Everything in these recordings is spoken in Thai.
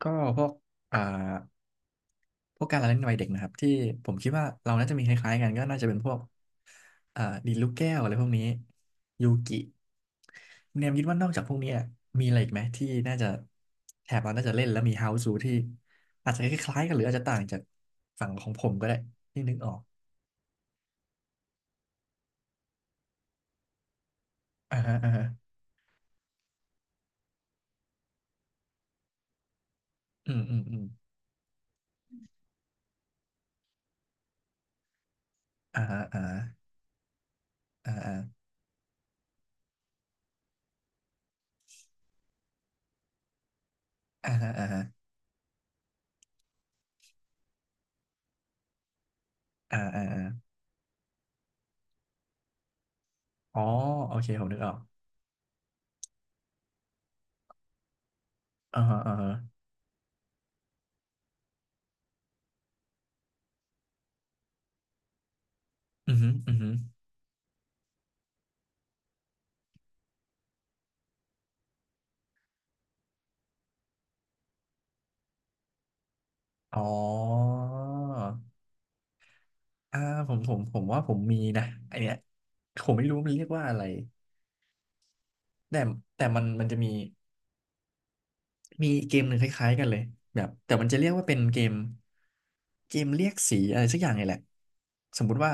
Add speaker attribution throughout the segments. Speaker 1: ก็พวกอ่าพวกการละเล่นวัยเด็กนะครับที่ผมคิดว่าเราน่าจะมีคล้ายๆกันก็น่าจะเป็นพวกดีดลูกแก้วอะไรพวกนี้ยูกิเนมคิดว่านอกจากพวกนี้อะมีอะไรอีกไหมที่น่าจะแถบเราน่าจะเล่นแล้วมีเฮาส์ูที่อาจจะคล้ายๆกันหรืออาจจะต่างจากฝั่งของผมก็ได้ที่นึกออกอ่าฮะอ่าฮะอืมอืมอืมอ่าฮะอ่าฮะอ่าฮะอ่าฮะอ่าฮะอ่าอ่าอ่าอ๋อโอเคผมนึกออกอ่าฮะอ่าฮะอือฮึอือฮึ อ๋ออ่าผมว่าผมมีนะไอเนี้ยผมไม่รู้มันเรียกว่าอะไรแต่แต่มันจะมีเกมหนึ่งคล้ายๆกันเลยแบบแต่มันจะเรียกว่าเป็นเกมเรียกสีอะไรสักอย่างนี่แหละสมมุติว่า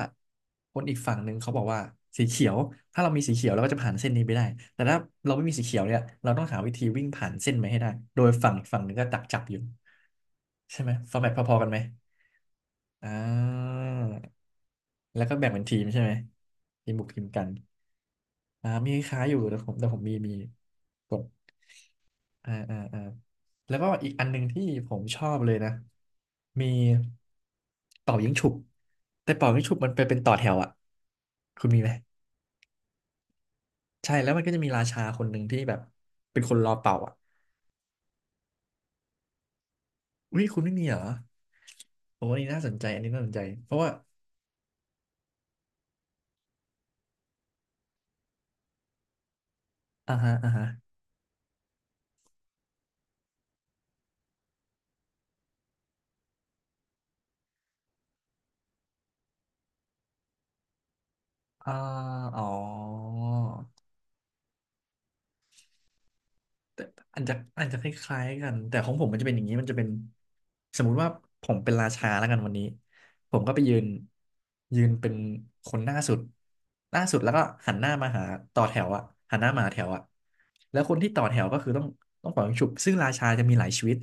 Speaker 1: คนอีกฝั่งหนึ่งเขาบอกว่าสีเขียวถ้าเรามีสีเขียวเราก็จะผ่านเส้นนี้ไปได้แต่ถ้าเราไม่มีสีเขียวเนี่ยเราต้องหาวิธีวิ่งผ่านเส้นไปให้ได้โดยฝั่งอีกฝั่งหนึ่งก็ดักจับอยู่ใช่ไหมฟอร์แมพอๆกันไหมอ่า แล้วก็แบ่งเป็นทีมใช่ไหมทีมบุกทีมกันมีคล้ายอยู่แต่ผมมีกดอ่าอ่าอ่าแล้วก็อีกอันหนึ่งที่ผมชอบเลยนะ มีเป่ายิงฉุบแต่เป่ายิงฉุบมันไปเป็นต่อแถวอ่ะคุณมีไหม ใช่แล้วมันก็จะมีราชาคนหนึ่งที่แบบเป็นคนรอเป่าอ่ะอุ้ยคุณไม่มีเหรอโอ้อันนี้น่าสนใจอันนี้น่าสนใจเพราะว่าอ่าฮะอ่าฮะอ่าอ๋อ แต่อันจะอันจะคล้ายๆกันแต่ของผมมันจะเป็นอย่างนี้มันจะเป็นสมมุติว่าผมเป็นราชาแล้วกันวันนี้ผมก็ไปยืนเป็นคนหน้าสุดแล้วก็หันหน้ามาหาต่อแถวอะหันหน้ามาหาแถวอะแล้วคนที่ต่อแถวก็คือต้องเป่ายิงฉุบซึ่งราชาจะมีหลายชีวิต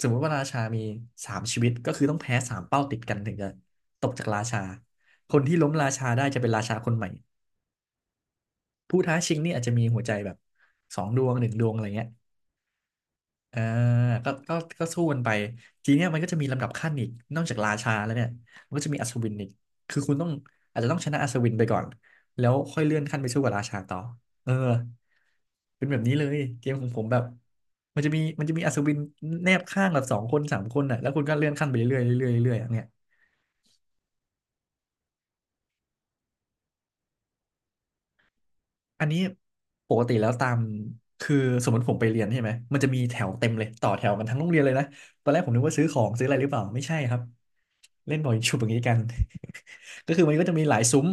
Speaker 1: สมมุติว่าราชามี3 ชีวิตก็คือต้องแพ้3 เป้าติดกันถึงจะตกจากราชาคนที่ล้มราชาได้จะเป็นราชาคนใหม่ผู้ท้าชิงนี่อาจจะมีหัวใจแบบ2 ดวง 1 ดวงอะไรเงี้ย อ่าก็ก็ก็สู้กันไปทีเนี้ยมันก็จะมีลำดับขั้นอีกนอกจากราชาแล้วเนี่ยมันก็จะมีอัศวินอีกคือคุณต้องอาจจะต้องชนะอัศวินไปก่อนแล้วค่อยเลื่อนขั้นไปสู้กับราชาต่อเออเป็นแบบนี้เลยเกมของผมแบบมันจะมีอัศวินแนบข้างแบบ2 คน 3 คนน่ะแล้วคุณก็เลื่อนขั้นไปเรื่อยๆเรื่อยๆเรื่อยๆอย่างเงี้ย อันนี้ปกติแล้วตามคือสมมติผมไปเรียนใช่ไหมมันจะมีแถวเต็มเลยต่อแถวกันทั้งโรงเรียนเลยนะตอนแรกผมนึกว่าซื้อของซื้ออะไรหรือเปล่าไม่ใช่ครับเล่นบอลชุบอย่างนี้กัน ก็คือมันก็จะมีหลายซุ้ม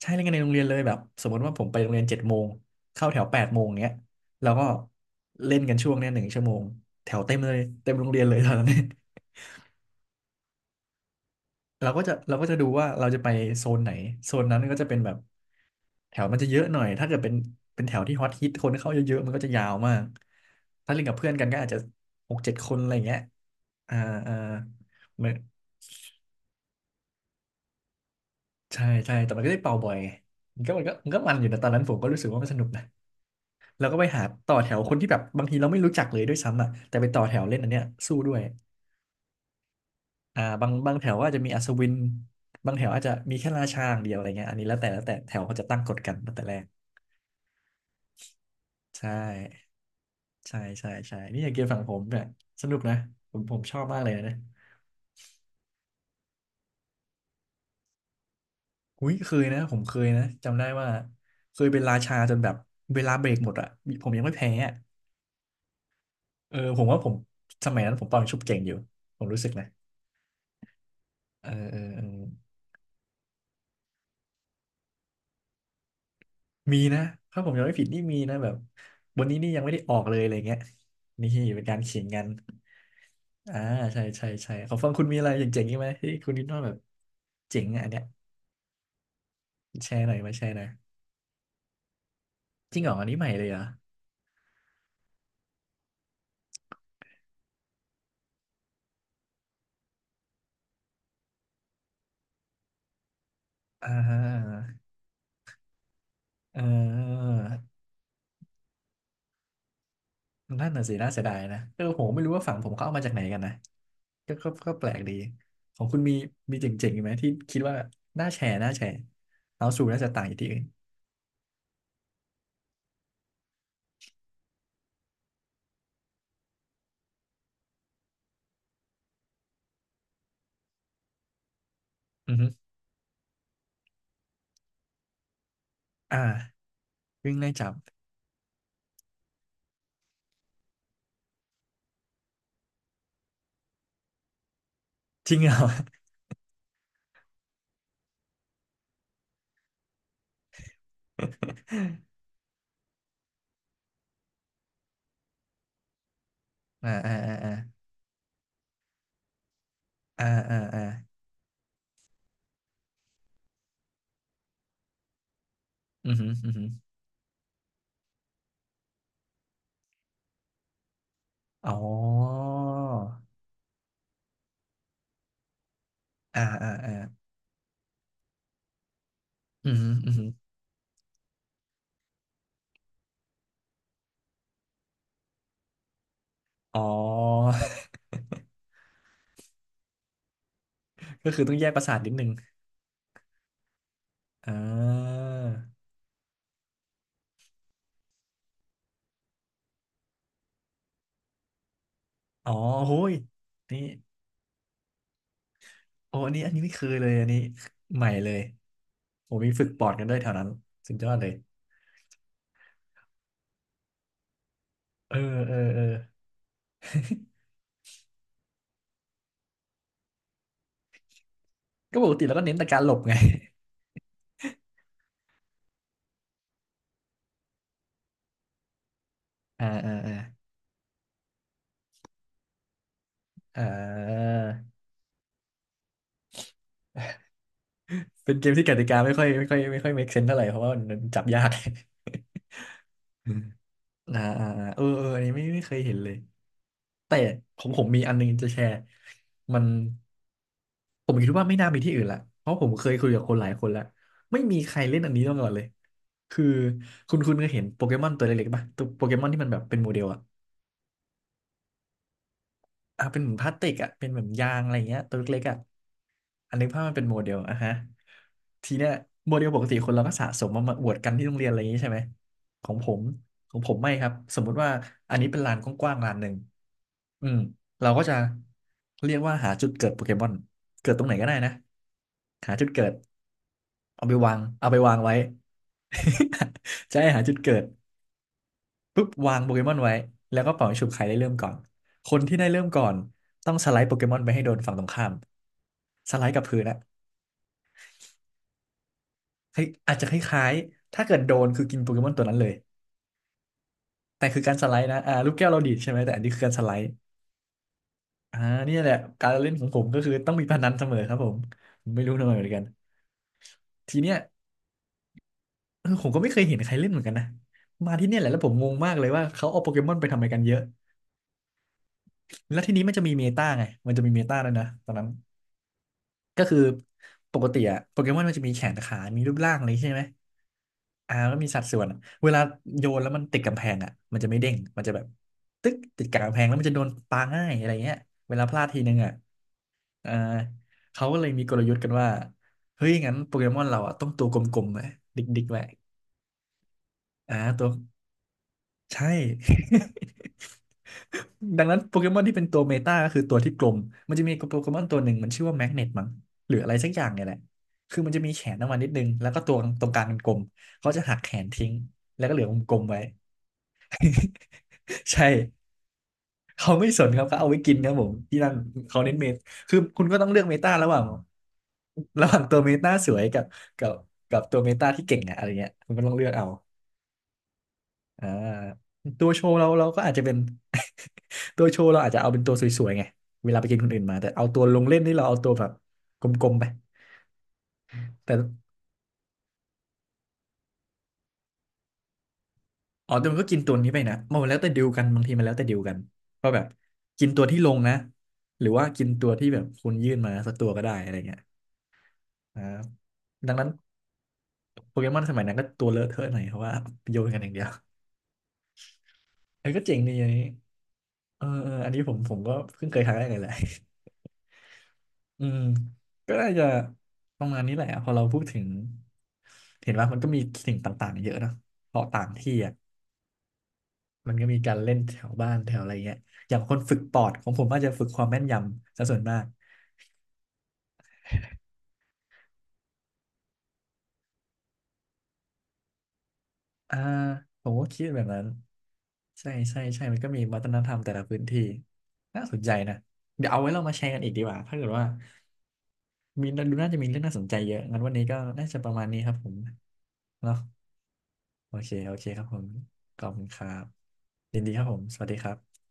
Speaker 1: ใช่เล่นกันในโรงเรียนเลยแบบสมมติว่าผมไปโรงเรียน7 โมงเข้าแถว8 โมงเงี้ยแล้วก็เล่นกันช่วงเนี้ย1 ชั่วโมงแถวเต็มเลยเต็มโรงเรียนเลยตอนนั้น เราก็จะดูว่าเราจะไปโซนไหนโซนนั้นก็จะเป็นแบบ แถวมันจะเยอะหน่อยถ้าเกิดเป็นเป็นแถวที่ฮอตฮิตคนเข้าเยอะๆมันก็จะยาวมาก ถ้าเล่นกับเพื่อนกันก็อาจจะ6-7 คนอะไรอย่างเงี้ยอ่าอ่ามันใช่ใช่แต่มันก็ได้เป่าบ่อยไงมันอยู่นะตอนนั้นผมก็รู้สึกว่ามันสนุกนะเราก็ไปหาต่อแถวคนที่แบบบางทีเราไม่รู้จักเลยด้วยซ้ำอ่ะแต่ไปต่อแถวเล่นอันเนี้ยสู้ด้วยบางแถวว่าจจะมีอัศวินบางแถวอาจจะมีแค่ราชาอย่างเดียวอะไรเงี้ยอันนี้แล้วแต่แล้วแต่แถวเขาจะตั้งกฎกันตั้งแต่แรกใช่ ใช่ใช่ใช่นี่อย่างเกมฝั่งผมเนี่ยสนุกนะผมชอบมากเลยนะอุ้ยเคยนะผมเคยนะจำได้ว่าเคยเป็นราชาจนแบบเวลาเบรกหมดอ่ะผมยังไม่แพ้อะเออผมว่าผมสมัยนั้นผมตอนชุบเก่งอยู่ผมรู้สึกนะเออเออเออมีนะถ้าผมจำไม่ผิดนี่มีนะแบบวันนี้นี่ยังไม่ได้ออกเลยอะไรเงี้ยนี่เป็นการขิงกันอ่าใช่ใช่ใช่ขอฟังคุณมีอะไรเจ๋งๆอีกไหมที่คุณคิดว่าแบบเจ๋งอะอันเนี้ยแชร์หน่อยมาแชร์หน่อยจริงเหรออันนี้ใหม่เลยเหรออ่า เออนั่นน่ะสิน่าเสียดายนะเออผมไม่รู้ว่าฝั่งผมเขาเอามาจากไหนกันนะก็แปลกดีของคุณมีมีเจ๋งๆอีกไหมที่คิดว่าน่าแชร์น่าแชร์เอาสู่น่าจะต่างจากที่อื่นอือฮึอ่าวิ่งไล่จับจริงเหรอ อ่าอ่าอ่าอ่าอ่าอ่าอ่าอือฮึอือฮึอ๋ออ่าอ่าอ่าอือฮึอือฮึอ๋อ ก็คือต้องแยกประสาทนิดนึงอ่าอ๋อโอ้ยนี่ โอ้อันนี้อันนี้ไม่เคยเลยอันนี้ใหม่เลยโอ้มีฝึกปอดกันด้วยแถวนั้นสุดยอดเลยเออเออเออก็ปกติแล้วก็เน้นแต่การหลบไง อ่าอ่าอ่าอ่าเป็นเกมที่กติกาไม่ค่อย make sense เท่าไหร่เพราะว่ามันจับยากอืม อ่าอ่าอ่าเออเอออันนี้ไม่เคยเห็นเลยแต่ของผมมีอันนึงจะแชร์มัน ผมคิดว่าไม่น่ามีที่อื่นละเพราะผมเคยคุยกับคนหลายคนแล้วไม่มีใครเล่นอันนี้มาก่อนเลยคือคุณก็เห็นโปเกมอนตัวเล็กๆป่ะตัวโปเกมอนที่มันแบบเป็นโมเดลอะอ่ะเป็นเหมือนพลาสติกอะเป็นเหมือนยางอะไรเงี้ยตัวเล็กๆอะอันนี้ภาพมันเป็นโมเดลอะฮะทีเนี้ยโมเดลปกติคนเราก็สะสมมามาอวดกันที่โรงเรียนอะไรอย่างงี้ใช่ไหม ของผมของผมไม่ครับ สมมุติว่าอันนี้เป็นลานกว้างๆลานหนึ่งอืมเราก็จะเรียกว่าหาจุดเกิดโปเกมอนเกิดตรงไหนก็ได้นะ หาจุดเกิด เอาไปวางไว้ จะให้หาจุดเกิดปุ๊บวางโปเกมอนไว้แล้วก็เป่าให้ฉุบใครได้เริ่มก่อนคนที่ได้เริ่มก่อนต้องสไลด์โปเกมอนไปให้โดนฝั่งตรงข้ามสไลด์กับพื้นอะเฮ้ยอาจจะคล้ายๆถ้าเกิดโดนคือกินโปเกมอนตัวนั้นเลยแต่คือการสไลด์นะอ่าลูกแก้วเราดีดใช่ไหมแต่อันนี้คือการสไลด์อ่าเนี่ยแหละการเล่นของผมก็คือต้องมีพนันเสมอครับผมผมไม่รู้ทำไมเหมือนกันทีเนี้ยเออผมก็ไม่เคยเห็นใครเล่นเหมือนกันนะมาที่เนี่ยแหละแล้วผมงงมากเลยว่าเขาเอาโปเกมอนไปทำอะไรกันเยอะ แล้วทีนี้มันจะมีเมตาไงมันจะมีเมตาแล้วยนะตอนนั้นก็คือปกติอะโปเกมอนมันจะมีแขนขามีรูปร่างอะไรใช่ไหมอ่าก็มีสัดส่วนอะเวลาโยนแล้วมันติดกำแพงอะมันจะไม่เด้งมันจะแบบตึ๊กติดกับกำแพงแล้วมันจะโดนปาง่ายอะไรเงี้ยเวลาพลาดทีนึงอะอ่าเขาก็เลยมีกลยุทธ์กันว่าเฮ้ยงั้นโปเกมอนเราอะต้องตัวกลมๆไว้ดิกๆไว้อ่าตัว ใช่ ดังนั้นโปเกมอนที่เป็นตัวเมตาก็คือตัวที่กลม มันจะมีโปเกมอนตัวหนึ่งมันชื่อว่าแมกเนตมั้งหรืออะไรสักอย่างเนี่ยแหละคือมันจะมีแขนออกมานิดนึงแล้วก็ตัวตรงกลางเป็นกลมเขาจะหักแขนทิ้งแล้วก็เหลือวงกลมไว้ ใช่เขาไม่สนครับเขาเอาไว้กินครับผมที่นั่นเขาเน้นเมตคือคุณก็ต้องเลือกเมตาระหว่างระหว่างตัวเมตาสวยกับกับตัวเมตาที่เก่งอะอะไรเงี้ยคุณก็ต้องเลือกเอา อ่าตัวโชว์เราก็อาจจะเป็น ตัวโชว์เราอาจจะเอาเป็นตัวสวยๆไงเวลาไปกินคนอื่นมาแต่เอาตัวลงเล่นนี่เราเอาตัวแบบกลมๆไปแต่อ๋อแต่มันก็กินตัวนี้ไปนะมันแล้วแต่ดีลกันบางทีมันแล้วแต่ดีลกันว่าแบบกินตัวที่ลงนะหรือว่ากินตัวที่แบบคุณยื่นมาสักตัวก็ได้อะไรเงี้ยอ่าดังนั้นโปเกมอนสมัยนั้นก็ตัวเลอะเทอะหน่อยเพราะว่าโยนกันอย่างเดียวเออก็เจ๋งดีอันนี้เออเอออันนี้ผมก็เพิ่งเคยครั้งแรกเลยแหละ อืมก็น่าจะประมาณนี้แหละพอเราพูดถึงเห็นว่ามันก็มีสิ่งต่างๆเยอะนะเพราะต่างที่อ่ะมันก็มีการเล่นแถวบ้านแถวอะไรเงี้ยอย่างคนฝึกปอดของผมอาจจะฝึกความแม่นยำซะส่วนมากอ่าผมก็คิดแบบนั้นใช่ใช่ใช่มันก็มีวัฒนธรรมแต่ละพื้นที่น่าสนใจนะเดี๋ยวเอาไว้เรามาแชร์กันอีกดีกว่าถ้าเกิดว่ามีดูน่าจะมีเรื่องน่าสนใจเยอะงั้นวันนี้ก็น่าจะประมาณนี้ครับผมเนาะ โอเค โอเคครับผมขอบคุณครับยินดีครับผม สวัสดีครับ